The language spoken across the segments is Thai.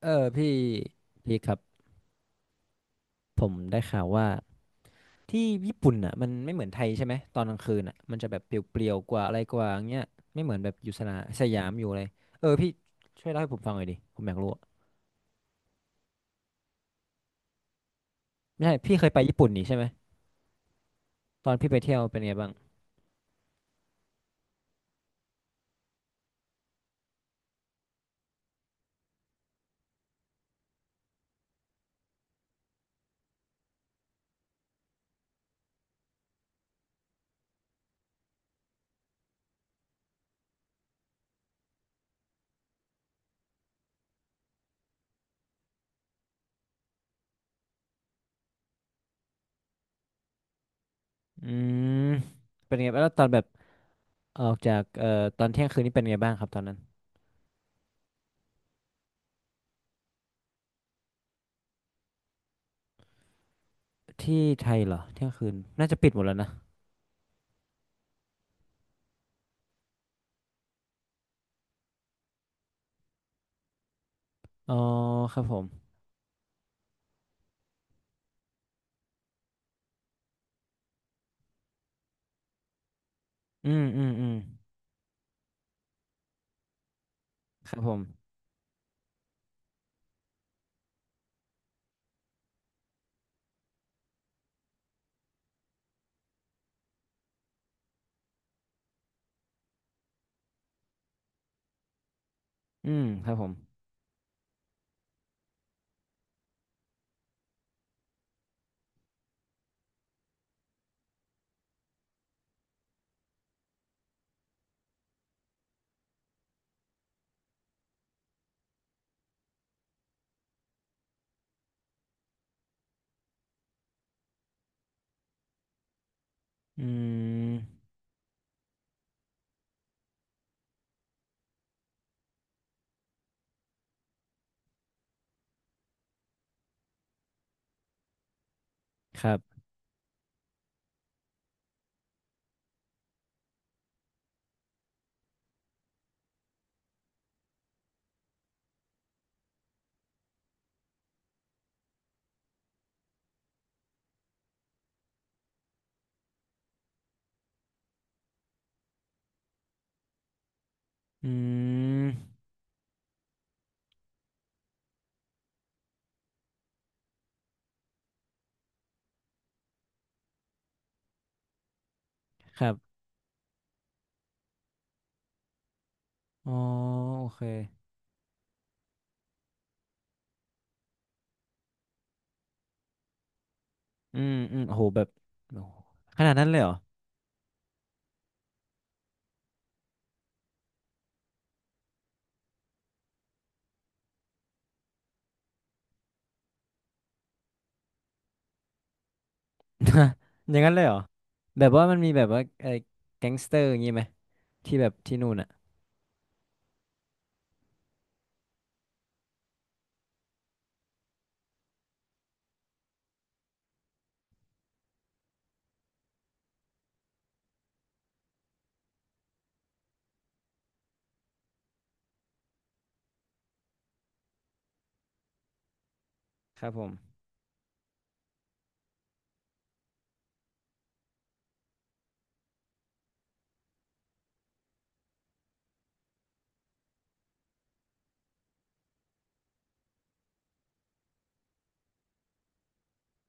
เออพี่พี่ครับผมได้ข่าวว่าที่ญี่ปุ่นอ่ะมันไม่เหมือนไทยใช่ไหมตอนกลางคืนอ่ะมันจะแบบเปลี่ยวๆกว่าอะไรกว่าอย่างเงี้ยไม่เหมือนแบบอยู่สนาสยามอยู่เลยเออพี่ช่วยเล่าให้ผมฟังหน่อยดิผมอยากรู้อะไม่ใช่พี่เคยไปญี่ปุ่นนี่ใช่ไหมตอนพี่ไปเที่ยวเป็นไงบ้างอืมเป็นไงบ้างแล้วตอนแบบออกจากตอนเที่ยงคืนนี่เป็นไงบ้างครับตอนนั้นที่ไทยเหรอเที่ยงคืนน่าจะปิดหมดแล้วนะอ๋อครับผมอืมอืมอืมครับผมอืมครับผมอืมครับ อืมครับอ๋อโอเคอืมอืมโหแบบโอ้โหขนาดนั้นเลยเหรอ อย่างนั้นเลยเหรอแบบว่ามันมีแบบว่าไอ้แก๊งสเตอร์อย่างงี้ไหมที่แบบที่นู่นอ่ะครับผม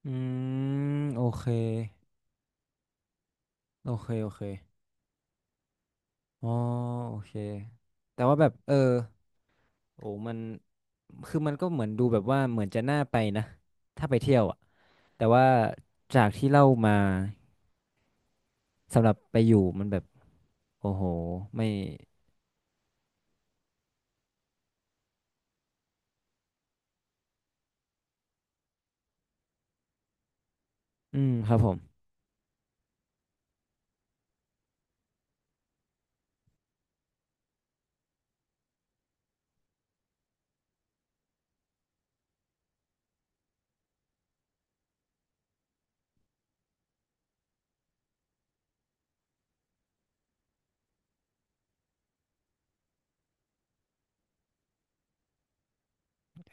อืมโอเคโอเคโอเคอ๋อโอเคแต่ว่าแบบเออโอ้มันคือมันก็เหมือนดูแบบว่าเหมือนจะน่าไปนะถ้าไปเที่ยวอ่ะแต่ว่าจากที่เล่ามาสำหรับไปอยู่มันแบบโอ้โหไม่อืมครับผม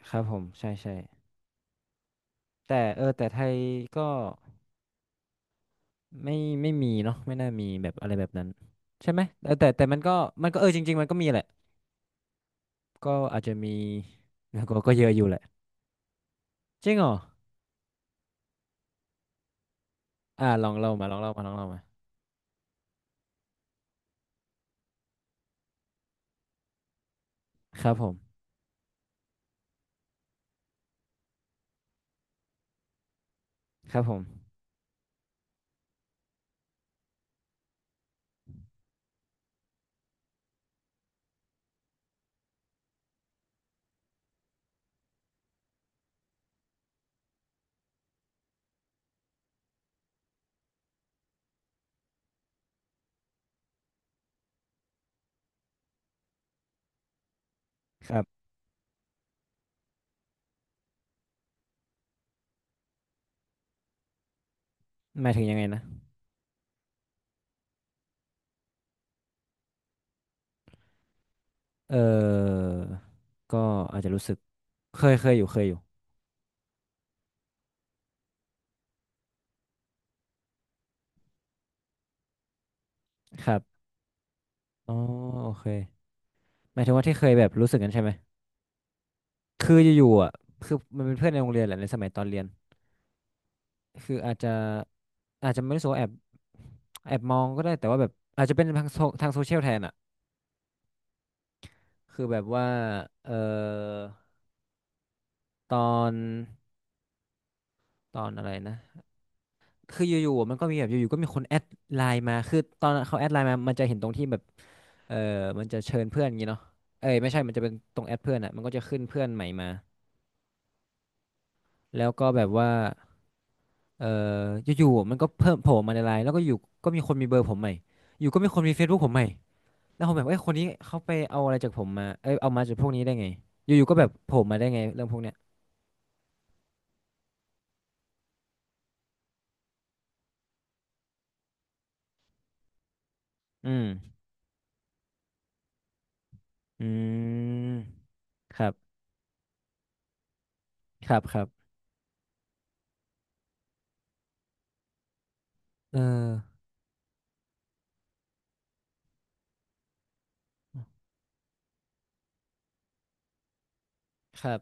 ครับผมใช่ใช่แต่เออแต่ไทยก็ไม่ไม่มีเนาะไม่น่ามีแบบอะไรแบบนั้นใช่ไหมเออแต่แต่มันก็มันก็เออจริงๆมันก็มีแหละก็อาจจะมี นะก็ก็เยอะอยู่แหละจริงเหรออ่าลองเล่ามาลองเล่ามาลองเล่ามาครับผมครับผมครับหมายถึงยังไงนะเออก็อาจจะรู้สึกเคยเคยอยู่เคยอยู่ครับอ๋อโอเคหมายถึงว่าที่เคยแบบรู้สึกกันใช่ไหมคืออยู่ๆอ่ะคือมันเป็นเพื่อนในโรงเรียนแหละในสมัยตอนเรียนคืออาจจะอาจจะไม่รู้สึกว่าแอบ แอบมองก็ได้แต่ว่าแบบอาจจะเป็นทางทางโซเชียลแทนอ่ะคือแบบว่าเอ่อตอน ตอนอะไรนะ คืออยู่ๆมันก็มีแบบอยู่ๆก็มีคนแอดไลน์มาคือตอนเขาแอดไลน์มามันจะเห็นตรงที่แบบ เออมันจะเชิญเพื่อนอย่างงี้เนาะเอ้ยไม่ใช่มันจะเป็นตรงแอดเพื่อนอ่ะมันก็จะขึ้นเพื่อนใหม่มา แล้วก็แบบว่า เอออยู่ๆมันก็เพิ่มโผล่มาในไลน์แล้วก็อยู่ก็มีคนมีเบอร์ผมใหม่อยู่ก็มีคนมี Facebook ผมใหม่แล้วผมแบบเอ้ยคนนี้เขาไปเอาอะไรจากผมมาเอ้ยเอามาจากพวกนี้ได้ไงอยู่ๆก็แบบโผล่มาได้ไงเรื่องพวกเนี้ย อืมอืมครับครับครับเออครับ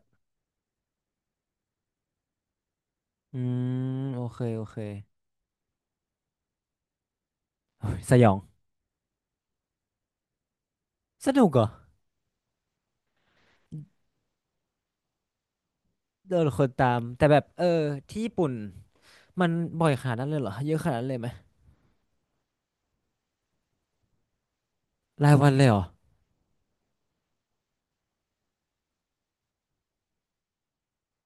อืมโอเคโอเคโอ้ยสยองสนุกเหรอเดินคนตามแต่แบบเออที่ญี่ปุ่นมันบ่อยขนาดนั้นเลยเหรอเยอะขนาดนั้นเลยไหมรายวันเลยเหรอ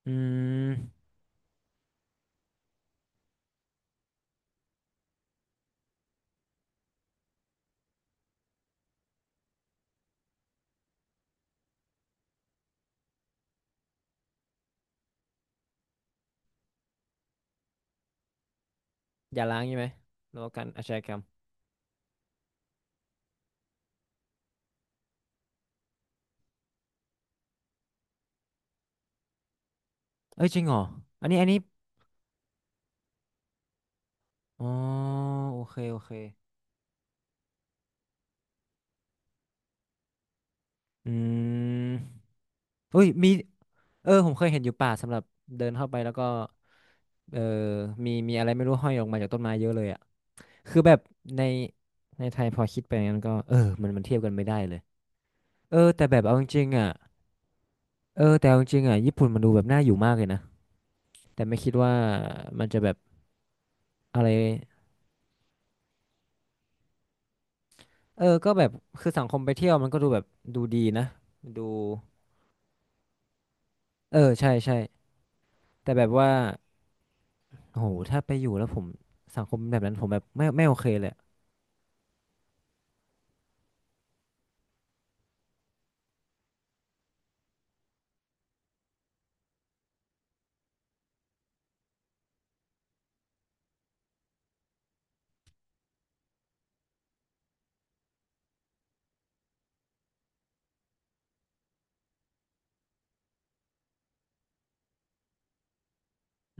อืมอย่าล้างใช่ไหมแล้วกันอาชญากรรมเอ้ยจริงเหรออันนี้อันนี้อ๋อโอเคโอเคอืมอุ้ยมีเออผมเคยเห็นอยู่ป่าสำหรับเดินเข้าไปแล้วก็เออมีมีอะไรไม่รู้ห้อยออกมาจากต้นไม้เยอะเลยอะ คือแบบในในไทยพอคิดไปงั้นก็เออมันมันเทียบกันไม่ได้เลยเออแต่แบบเอาจริงๆอ่ะเออแต่เอาจริงๆอ่ะญี่ปุ่นมันดูแบบน่าอยู่มากเลยนะแต่ไม่คิดว่ามันจะแบบอะไรเออก็แบบคือสังคมไปเที่ยวมันก็ดูแบบดูดีนะดูเออใช่ใช่แต่แบบว่าโอ้โหถ้าไปอยู่แล้วผมสังคมแบบนั้นผมแบบไม่ไม่โอเคเลยอะ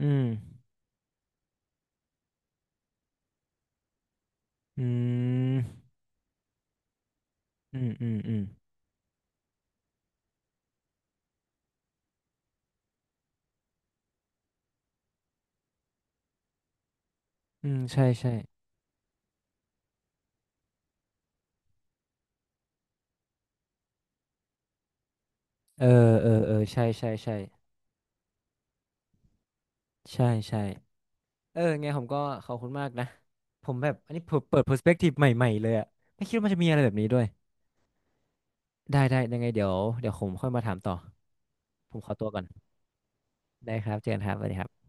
อืมอืมอืมอืมอืมอืมใช่ใช่เออเออเออใช่ใช่ใช่ใช่ใช่ เออไงผมก็ขอบคุณมากนะผมแบบอันนี้เปิด perspective ใหม่ๆเลยอะไม่คิดว่ามันจะมีอะไรแบบนี้ด้วยได้ได้ยังไงเดี๋ยวเดี๋ยวผมค่อยมาถามต่อผมขอตัวก่อนได้ครับเจอกันครับสวัสดีครับ